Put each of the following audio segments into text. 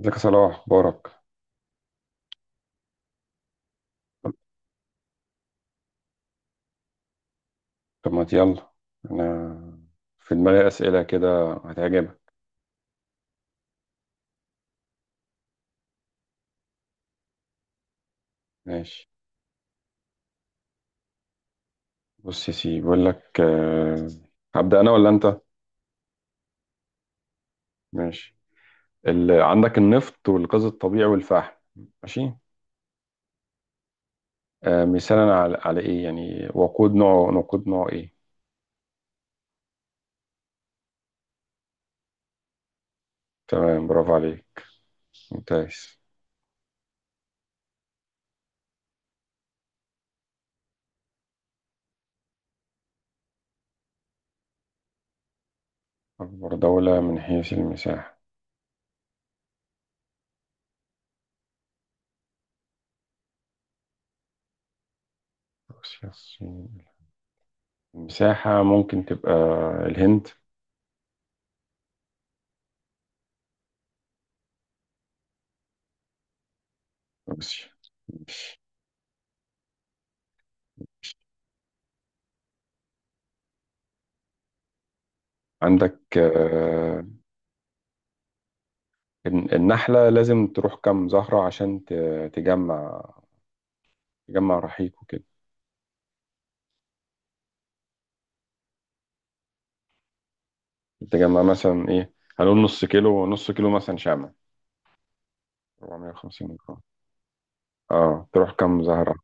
ازيك يا صلاح اخبارك؟ طب ما يلا. انا في دماغي اسئله كده هتعجبك. ماشي. بص يا سيدي بقول لك هبدا انا ولا انت؟ ماشي. عندك النفط والغاز الطبيعي والفحم. ماشي. مثالا على ايه يعني وقود نوع نقود نوع ايه؟ تمام، برافو عليك، ممتاز. اكبر دوله من حيث المساحه روسيا الصين؟ المساحه ممكن تبقى الهند، روسيا. عندك النحلة لازم تروح كام زهرة عشان تجمع، تجمع رحيق وكده. تجمع مثلا ايه؟ هنقول نص كيلو، نص كيلو مثلا شمع، 450 جرام. اه، تروح كام زهرة؟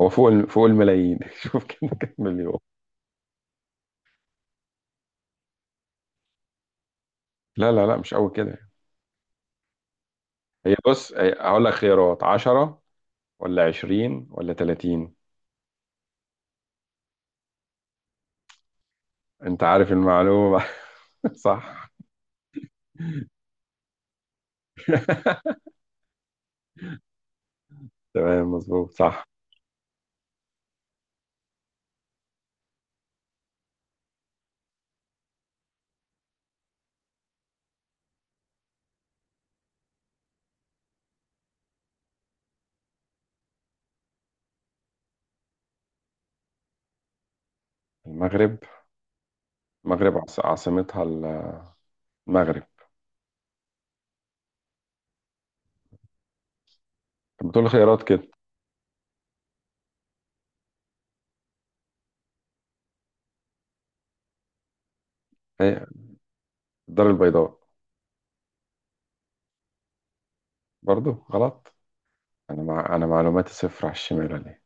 هو فوق فوق الملايين. شوف كده كام مليون. لا لا لا، مش قوي كده. هي بص هقول لك خيارات، 10 ولا 20 ولا 30؟ انت عارف المعلومة. صح. تمام، مظبوط صح. المغرب، المغرب عاصمتها المغرب. طب بتقول خيارات كده. هي الدار البيضاء. برضو غلط؟ انا انا معلوماتي صفر على الشمال ولا ايه؟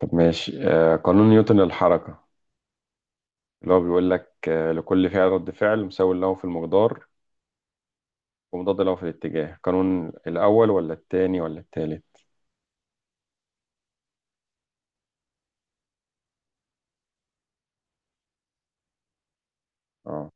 طب ماشي، آه، قانون نيوتن للحركة اللي هو بيقول لك آه لكل فعل رد فعل مساوي له في المقدار ومضاد له في الاتجاه، قانون الاول ولا التاني ولا التالت؟ اه،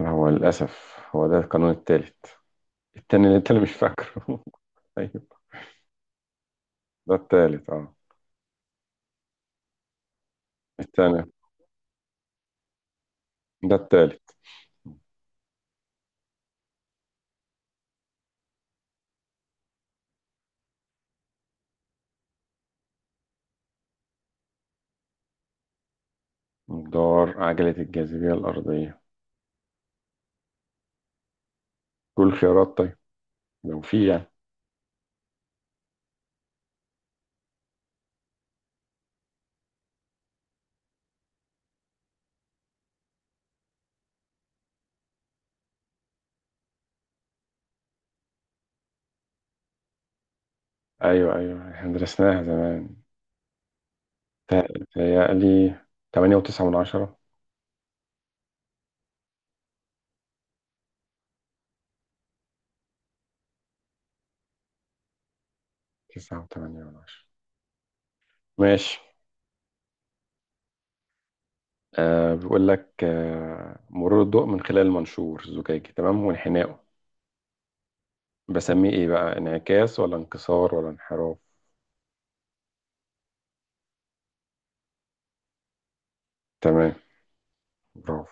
هو للاسف هو ده القانون التالت، التاني اللي انت اللي مش فاكره. ايوه، ده التالت اه، التاني ده التالت. مقدار عجلة الجاذبية الأرضية كل خيارات طيب لو في يعني. ايوه ايوه، احنا درسناها زمان. تهيألي تمانية وتسعة من عشرة. تسعة وتمانية من عشرة. ماشي. آه بيقول لك آه مرور الضوء من خلال المنشور الزجاجي، تمام، وانحنائه، بسميه ايه بقى، انعكاس ولا انكسار ولا انحراف؟ تمام، برافو.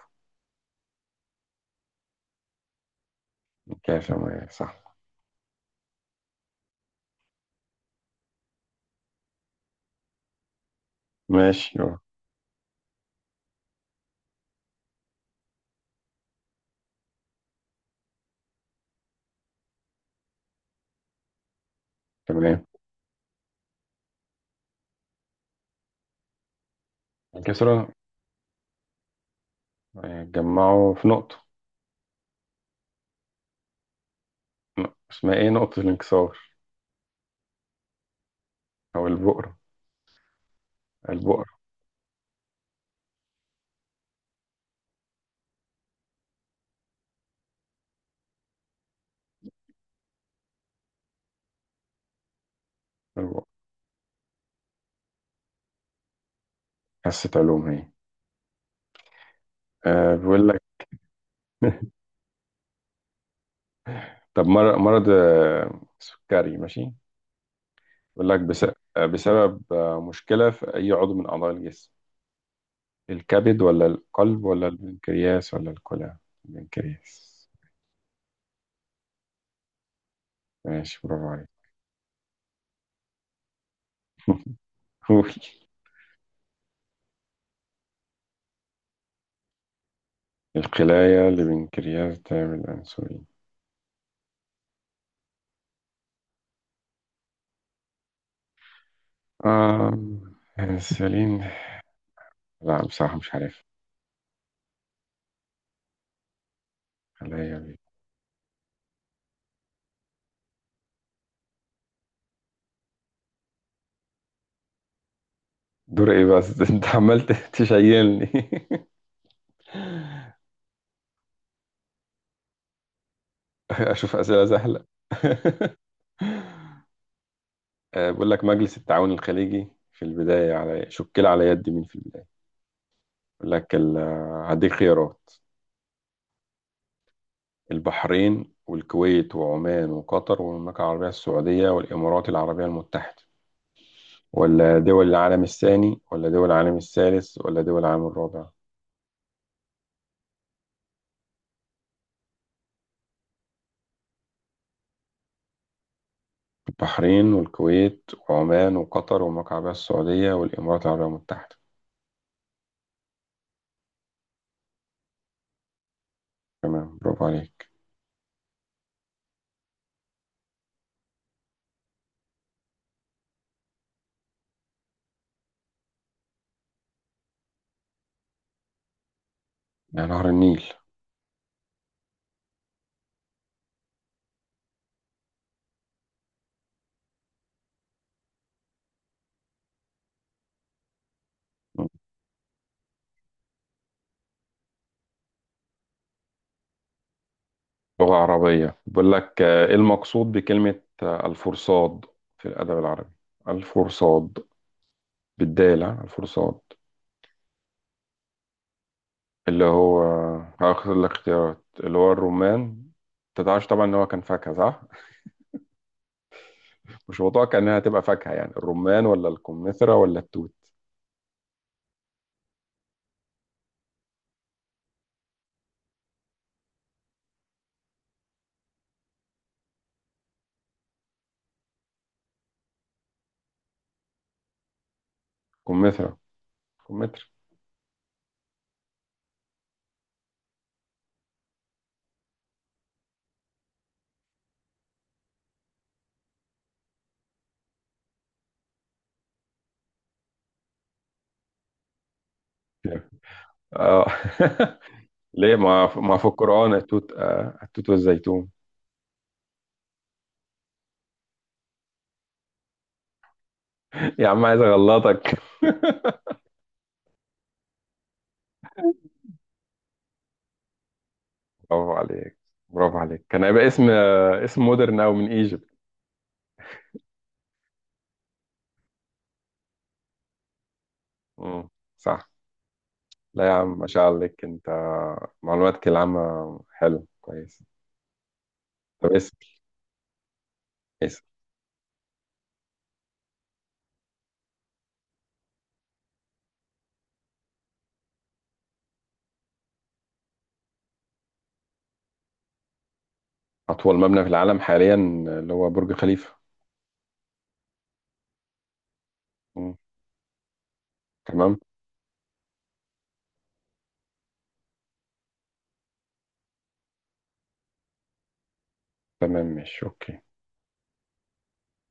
انعكاس يا مايا، صح. ماشي أه، تمام. انكسرة آه، جمعوا في نقطة. اسمها ايه، نقطة الانكسار او البؤرة؟ البؤرة. البؤرة. حصة علوم هي. آه بيقول لك، طب مرض آه، سكري ماشي، يقول لك آه، بسبب آه، مشكلة في أي عضو من أعضاء الجسم، الكبد ولا القلب ولا البنكرياس ولا الكلى؟ البنكرياس. ماشي، برافو عليك. قول. الخلايا البنكرياس تعمل الأنسولين؟ آم أنسولين، لا بصراحة مش عارف. خلايا بي- دور إيه بس؟ أنت عمال تشيلني. أشوف أسئلة سهلة. آه، بقول لك مجلس التعاون الخليجي في البداية على شكل على يد مين في البداية، يقول لك هديك خيارات، البحرين والكويت وعمان وقطر والمملكة العربية السعودية والإمارات العربية المتحدة، ولا دول العالم الثاني ولا دول العالم الثالث ولا دول العالم الرابع؟ البحرين والكويت وعمان وقطر والمملكة العربية السعودية والإمارات العربية المتحدة. تمام، برافو عليك. يا نهر النيل. لغة عربية، بقول لك آه، إيه المقصود بكلمة آه، الفرصاد في الأدب العربي، الفرصاد، بالدالة الفرصاد، اللي هو هاخد الاختيارات اللي هو الرمان، انت تعرفش طبعا ان هو كان فاكهة صح؟ مش متوقع انها هتبقى فاكهة، يعني الرمان ولا الكمثرى ولا التوت؟ كمثرى، كمثرى. Yeah. اه. ليه ما في القرآن التوت، آه التوت والزيتون. يا عم عايز اغلطك. برافو عليك، برافو عليك، كان هيبقى اسم آه، اسم مودرن او من ايجيبت. مم، صح. لا يا عم، ما شاء الله عليك انت، معلوماتك العامة حلو كويس. طب اسم أطول مبنى في العالم حاليا، اللي هو برج خليفة. مم. تمام. تمام، ماشي، أوكي.